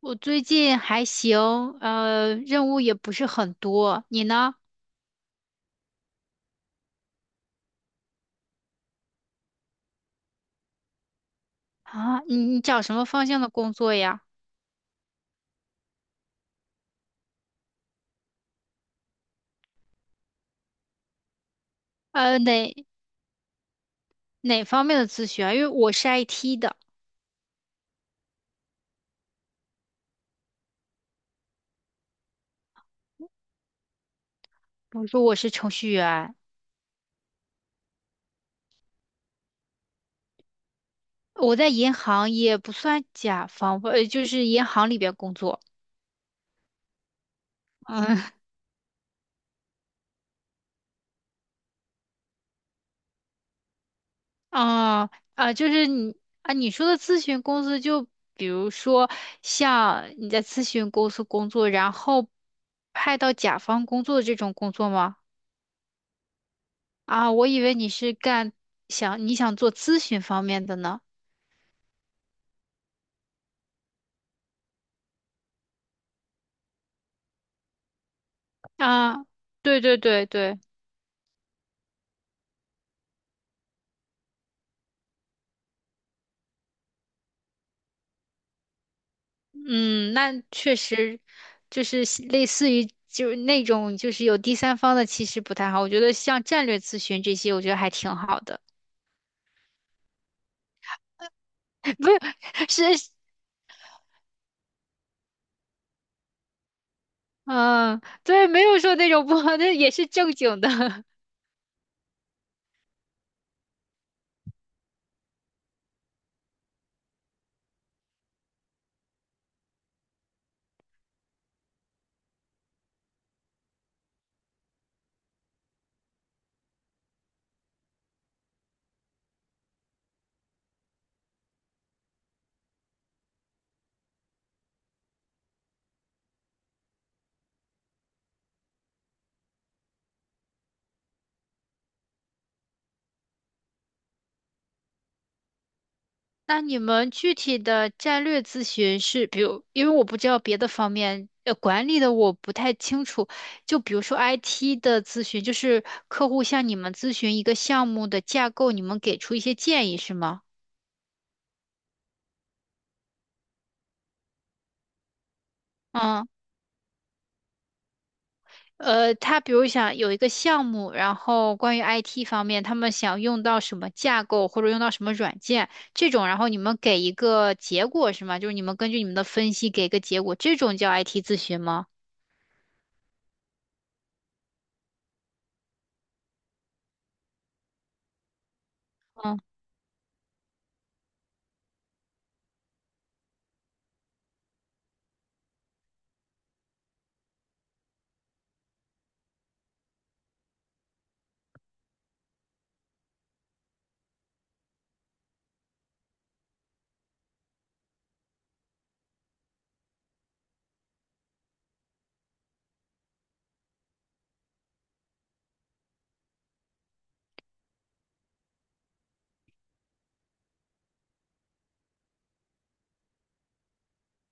我最近还行，任务也不是很多。你呢？啊，你找什么方向的工作呀？呃，哪哪方面的咨询啊？因为我是 IT 的，我说我是程序员，我在银行也不算甲方吧，就是银行里边工作。嗯。啊啊，就是你啊，你说的咨询公司，就比如说像你在咨询公司工作，然后派到甲方工作这种工作吗？啊，我以为你是干想你想做咨询方面的呢。啊，对对对对。嗯，那确实就是类似于就是那种就是有第三方的，其实不太好。我觉得像战略咨询这些，我觉得还挺好的。不是，是。嗯，对，没有说那种不好，那也是正经的。那你们具体的战略咨询是，比如，因为我不知道别的方面，管理的我不太清楚。就比如说 IT 的咨询，就是客户向你们咨询一个项目的架构，你们给出一些建议，是吗？嗯。他比如想有一个项目，然后关于 IT 方面，他们想用到什么架构或者用到什么软件这种，然后你们给一个结果是吗？就是你们根据你们的分析给一个结果，这种叫 IT 咨询吗？嗯。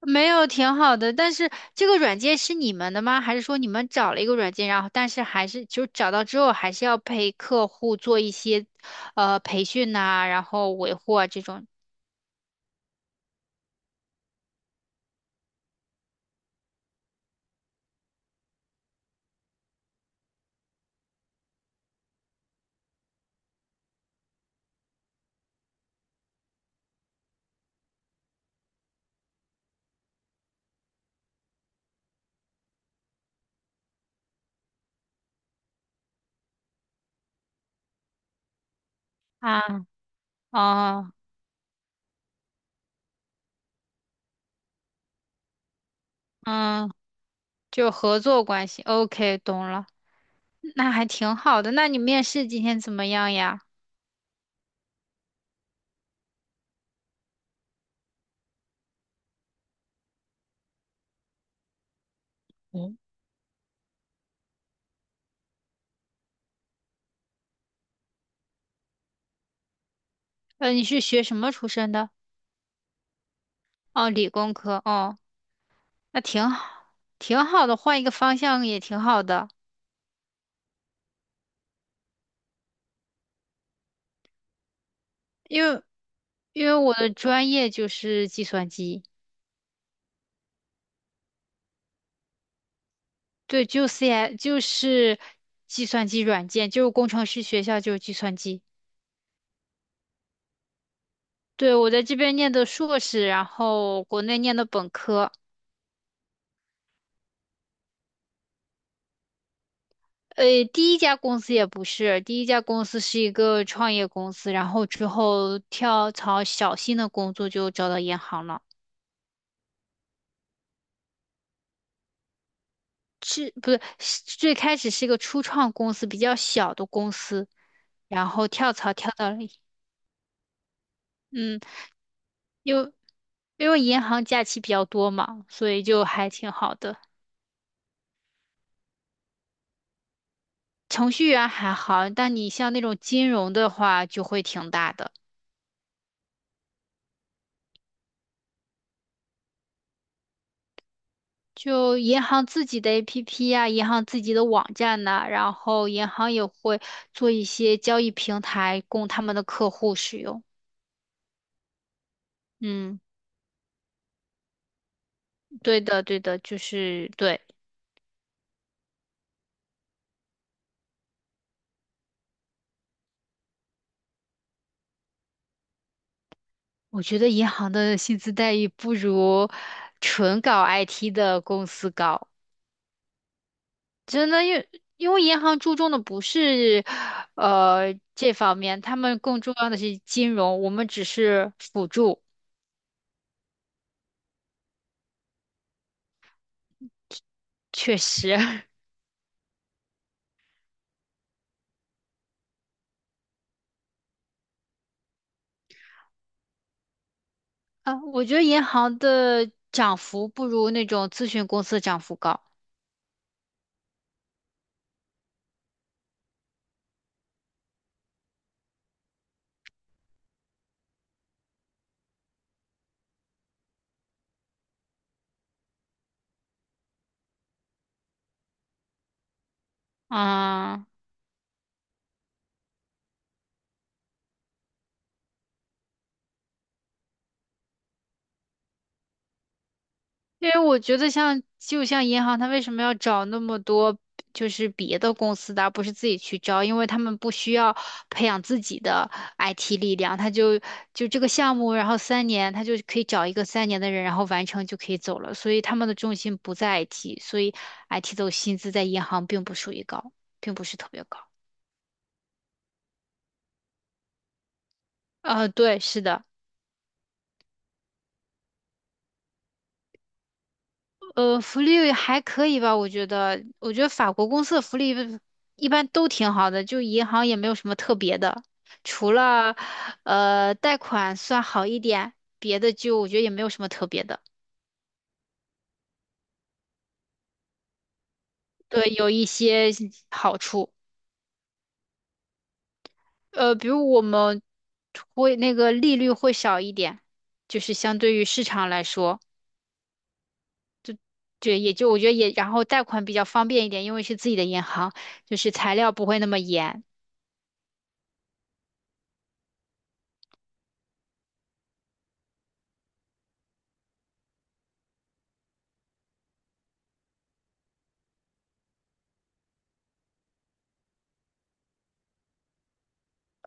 没有，挺好的。但是这个软件是你们的吗？还是说你们找了一个软件，然后但是还是就找到之后还是要陪客户做一些培训呐、然后维护啊这种。啊，哦。嗯，就合作关系。OK，懂了，那还挺好的。那你面试今天怎么样呀？你是学什么出身的？哦，理工科。哦，那挺好，挺好的，换一个方向也挺好的。因为因为我的专业就是计算机。对，就 CI 就是计算机软件，就是工程师学校就是计算机。对，我在这边念的硕士，然后国内念的本科。第一家公司也不是，第一家公司是一个创业公司，然后之后跳槽小新的工作就找到银行了。是不是是最开始是一个初创公司，比较小的公司，然后跳槽跳到了。嗯，因为因为银行假期比较多嘛，所以就还挺好的。程序员还好，但你像那种金融的话，就会挺大的。就银行自己的 APP 呀、银行自己的网站呐、然后银行也会做一些交易平台供他们的客户使用。嗯，对的，对的，就是对。我觉得银行的薪资待遇不如纯搞 IT 的公司高。真的，因为银行注重的不是这方面，他们更重要的是金融，我们只是辅助。确实。啊，我觉得银行的涨幅不如那种咨询公司的涨幅高。啊。因为我觉得就像银行，它为什么要找那么多就是别的公司的，而不是自己去招？因为他们不需要培养自己的 IT 力量，他就这个项目，然后三年，他就可以找一个三年的人，然后完成就可以走了。所以他们的重心不在 IT，所以 IT 的薪资在银行并不属于高，并不是特别高。对，是的。福利还可以吧，我觉得，我觉得法国公司的福利一般都挺好的，就银行也没有什么特别的，除了贷款算好一点，别的就我觉得也没有什么特别的，对，有一些好处。比如我们会那个利率会少一点，就是相对于市场来说，对，也就我觉得也，然后贷款比较方便一点，因为是自己的银行，就是材料不会那么严。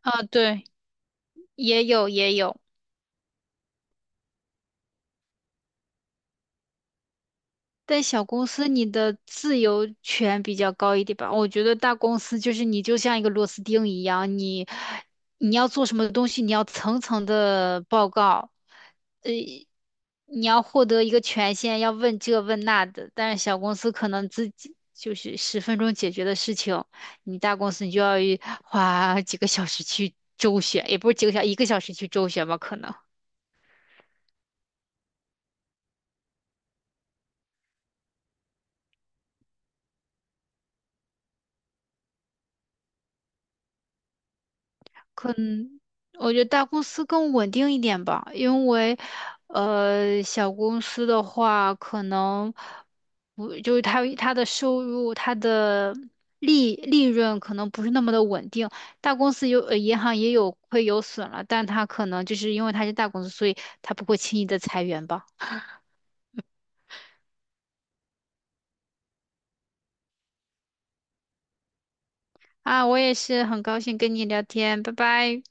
啊，对，也有也有。但小公司你的自由权比较高一点吧？我觉得大公司就是你就像一个螺丝钉一样，你要做什么东西，你要层层的报告，你要获得一个权限，要问这问那的。但是小公司可能自己就是10分钟解决的事情，你大公司你就要花几个小时去周旋，也不是几个小，1个小时去周旋吧，可能。可能我觉得大公司更稳定一点吧，因为小公司的话，可能不就是他的收入、他的利润可能不是那么的稳定。大公司有银行也有会有损了，但他可能就是因为他是大公司，所以他不会轻易的裁员吧。啊，我也是很高兴跟你聊天，拜拜。